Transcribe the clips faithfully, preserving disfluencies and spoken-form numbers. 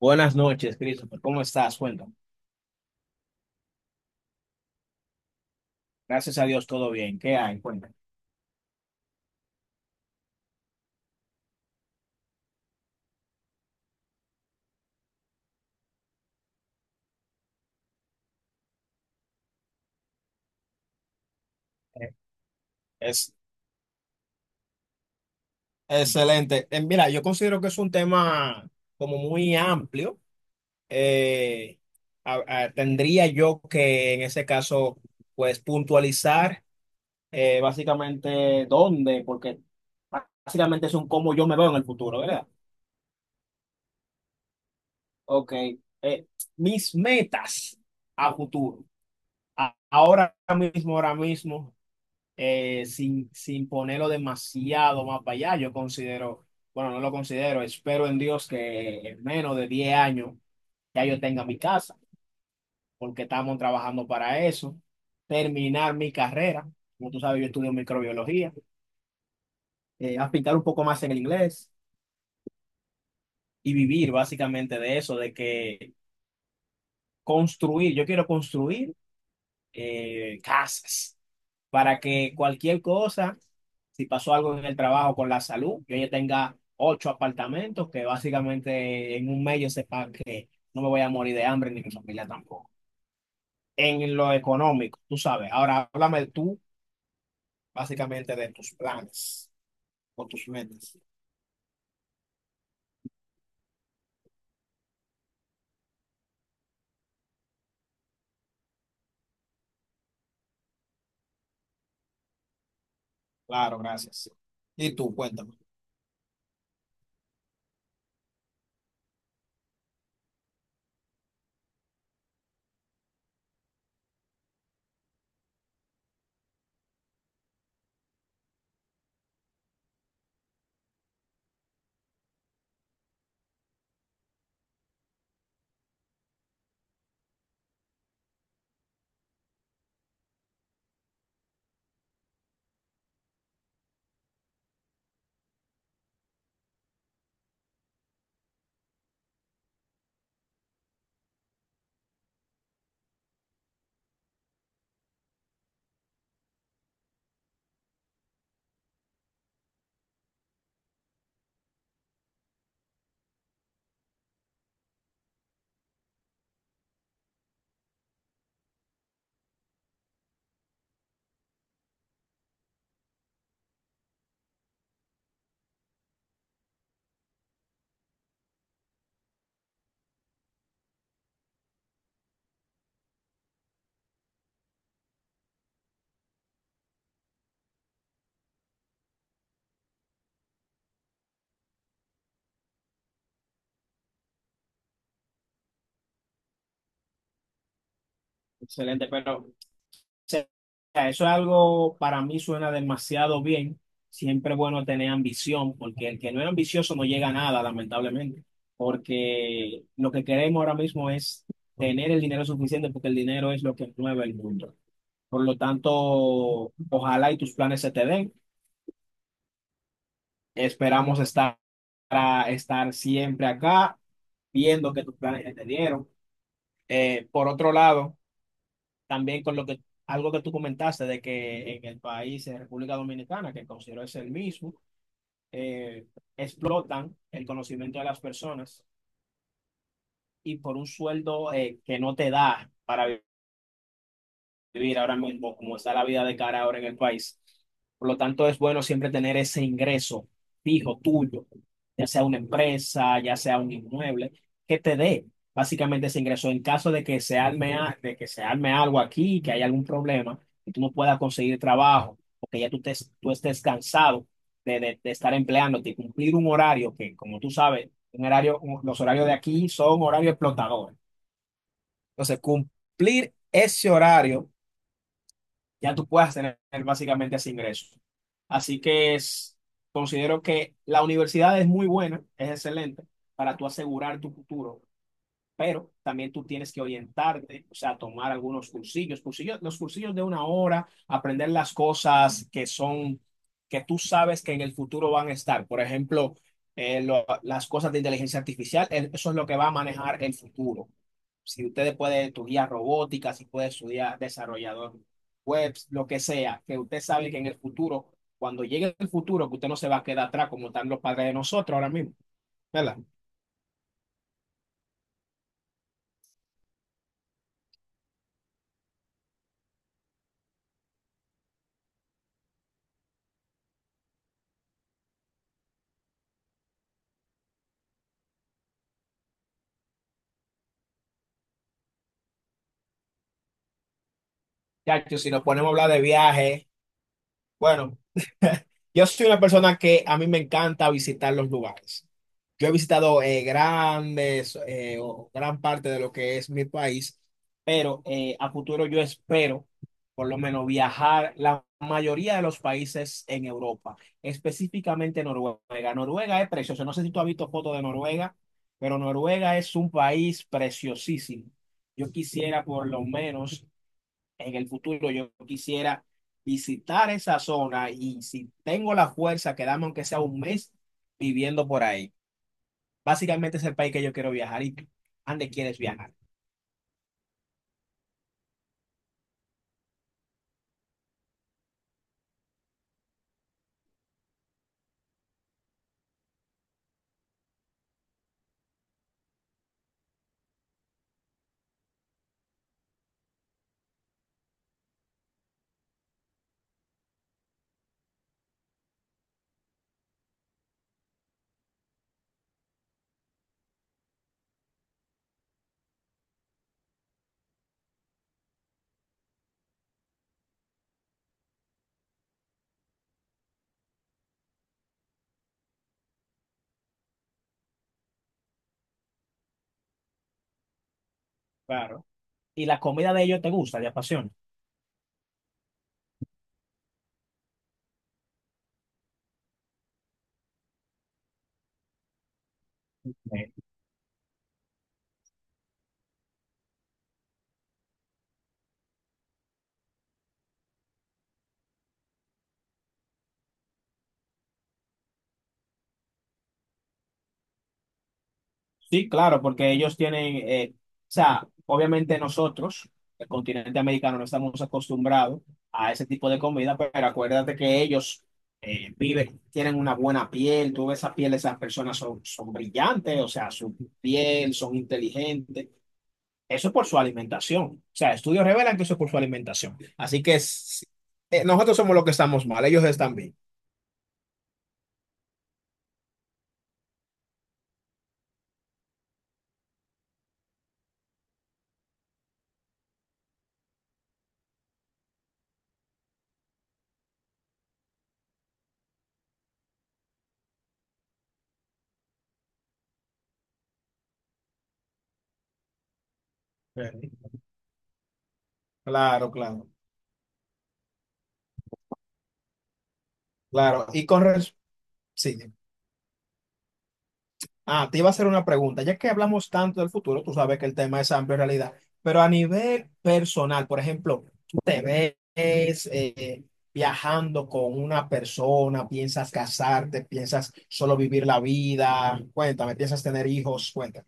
Buenas noches, Christopher. ¿Cómo estás? Cuéntame. Gracias a Dios, todo bien. ¿Qué hay? Cuéntame. Eh, Es excelente. Eh, mira, yo considero que es un tema como muy amplio. Eh, a- a- Tendría yo que, en ese caso, pues puntualizar eh, básicamente dónde, porque básicamente es un cómo yo me veo en el futuro, ¿verdad? Ok. Eh, Mis metas a futuro. A- ahora mismo, ahora mismo, eh, sin, sin ponerlo demasiado más para allá. Yo considero, bueno, no lo considero, espero en Dios que en menos de diez años ya yo tenga mi casa, porque estamos trabajando para eso, terminar mi carrera, como tú sabes, yo estudio microbiología, eh, aplicar un poco más en el inglés y vivir básicamente de eso, de que construir, yo quiero construir eh, casas, para que cualquier cosa, si pasó algo en el trabajo con la salud, yo ya tenga ocho apartamentos, que básicamente en un mes yo sepa que no me voy a morir de hambre ni mi familia tampoco. En lo económico, tú sabes. Ahora háblame tú básicamente de tus planes o tus metas. Claro, gracias. Y tú, cuéntame. Excelente, pero sea, eso es algo, para mí suena demasiado bien. Siempre es bueno tener ambición, porque el que no es ambicioso no llega a nada, lamentablemente. Porque lo que queremos ahora mismo es tener el dinero suficiente, porque el dinero es lo que mueve el mundo. Por lo tanto, ojalá y tus planes se te den. Esperamos estar, estar siempre acá, viendo que tus planes se te dieron. Eh, por otro lado, también con lo que, algo que tú comentaste de que en el país, en República Dominicana, que considero es el mismo, eh, explotan el conocimiento de las personas y por un sueldo eh, que no te da para vivir ahora mismo, como está la vida de cara ahora en el país. Por lo tanto, es bueno siempre tener ese ingreso fijo tuyo, ya sea una empresa, ya sea un inmueble, que te dé básicamente ese ingreso en caso de que se arme, a- de que se arme algo aquí, que haya algún problema, y tú no puedas conseguir trabajo, o que ya tú, te, tú estés cansado de, de, de estar empleándote y cumplir un horario que, como tú sabes, un horario, un- los horarios de aquí son horarios explotadores. Entonces, cumplir ese horario, ya tú puedas tener básicamente ese ingreso. Así que es- Considero que la universidad es muy buena, es excelente para tú asegurar tu futuro, pero también tú tienes que orientarte, o sea, tomar algunos cursillos, cursillos, los cursillos de una hora, aprender las cosas que son, que tú sabes que en el futuro van a estar. Por ejemplo, eh, lo- las cosas de inteligencia artificial, eh, eso es lo que va a manejar el futuro. Si ustedes pueden estudiar robótica, si pueden estudiar desarrollador web, lo que sea, que usted sabe que en el futuro, cuando llegue el futuro, que usted no se va a quedar atrás como están los padres de nosotros ahora mismo, ¿verdad? Ya, si nos ponemos a hablar de viajes, bueno, yo soy una persona que a mí me encanta visitar los lugares. Yo he visitado, eh, grandes, eh, o gran parte de lo que es mi país, pero, eh, a futuro yo espero por lo menos viajar la mayoría de los países en Europa, específicamente Noruega. Noruega es precioso. No sé si tú has visto fotos de Noruega, pero Noruega es un país preciosísimo. Yo quisiera por lo menos En el futuro yo quisiera visitar esa zona y, si tengo la fuerza, quedarme aunque sea un mes viviendo por ahí. Básicamente es el país que yo quiero viajar. Y tú, ¿a dónde quieres viajar? Claro. ¿Y la comida de ellos te gusta, te apasiona? Sí, claro, porque ellos tienen, eh, o sea, obviamente nosotros, el continente americano, no estamos acostumbrados a ese tipo de comida, pero acuérdate que ellos, eh, viven, tienen una buena piel, tú ves esa piel de esas personas, son, son brillantes, o sea, su piel, son inteligentes, eso es por su alimentación, o sea, estudios revelan que eso es por su alimentación, así que es- eh, nosotros somos los que estamos mal, ellos están bien. Eh, Claro, claro, claro. Y con res- sí. Ah, te iba a hacer una pregunta. Ya que hablamos tanto del futuro, tú sabes que el tema es amplio en realidad, pero a nivel personal, por ejemplo, tú te ves, eh, viajando con una persona, piensas casarte, piensas solo vivir la vida, cuéntame, piensas tener hijos, cuéntame.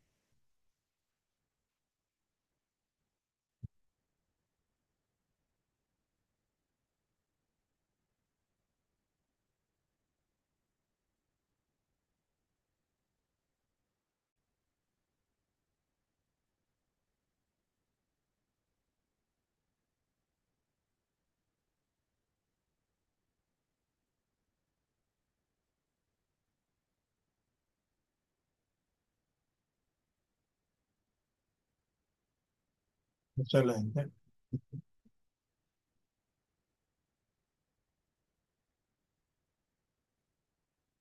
Excelente.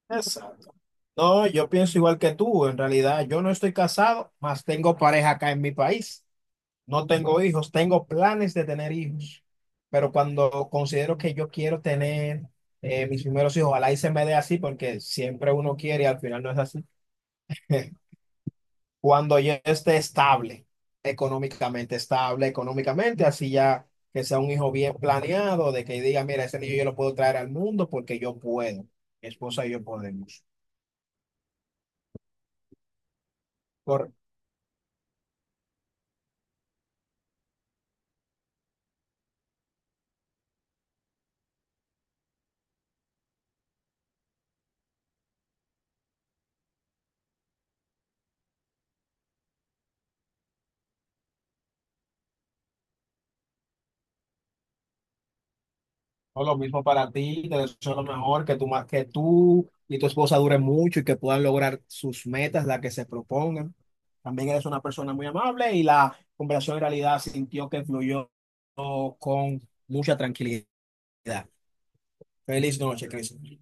Exacto. No, yo pienso igual que tú, en realidad. Yo no estoy casado, más tengo pareja acá en mi país. No tengo hijos, tengo planes de tener hijos, pero cuando considero que yo quiero tener, eh, mis primeros hijos, ojalá y se me dé así, porque siempre uno quiere y al final no es así. Cuando yo esté estable, económicamente estable, económicamente, así, ya que sea un hijo bien planeado, de que diga, mira, ese niño yo lo puedo traer al mundo porque yo puedo, mi esposa y yo podemos. Por- No, lo mismo para ti, te deseo lo mejor, que tú, ma- que tú y tu esposa duren mucho y que puedan lograr sus metas, las que se propongan. También eres una persona muy amable y la conversación en realidad sintió que fluyó con mucha tranquilidad. Feliz noche, Cristian.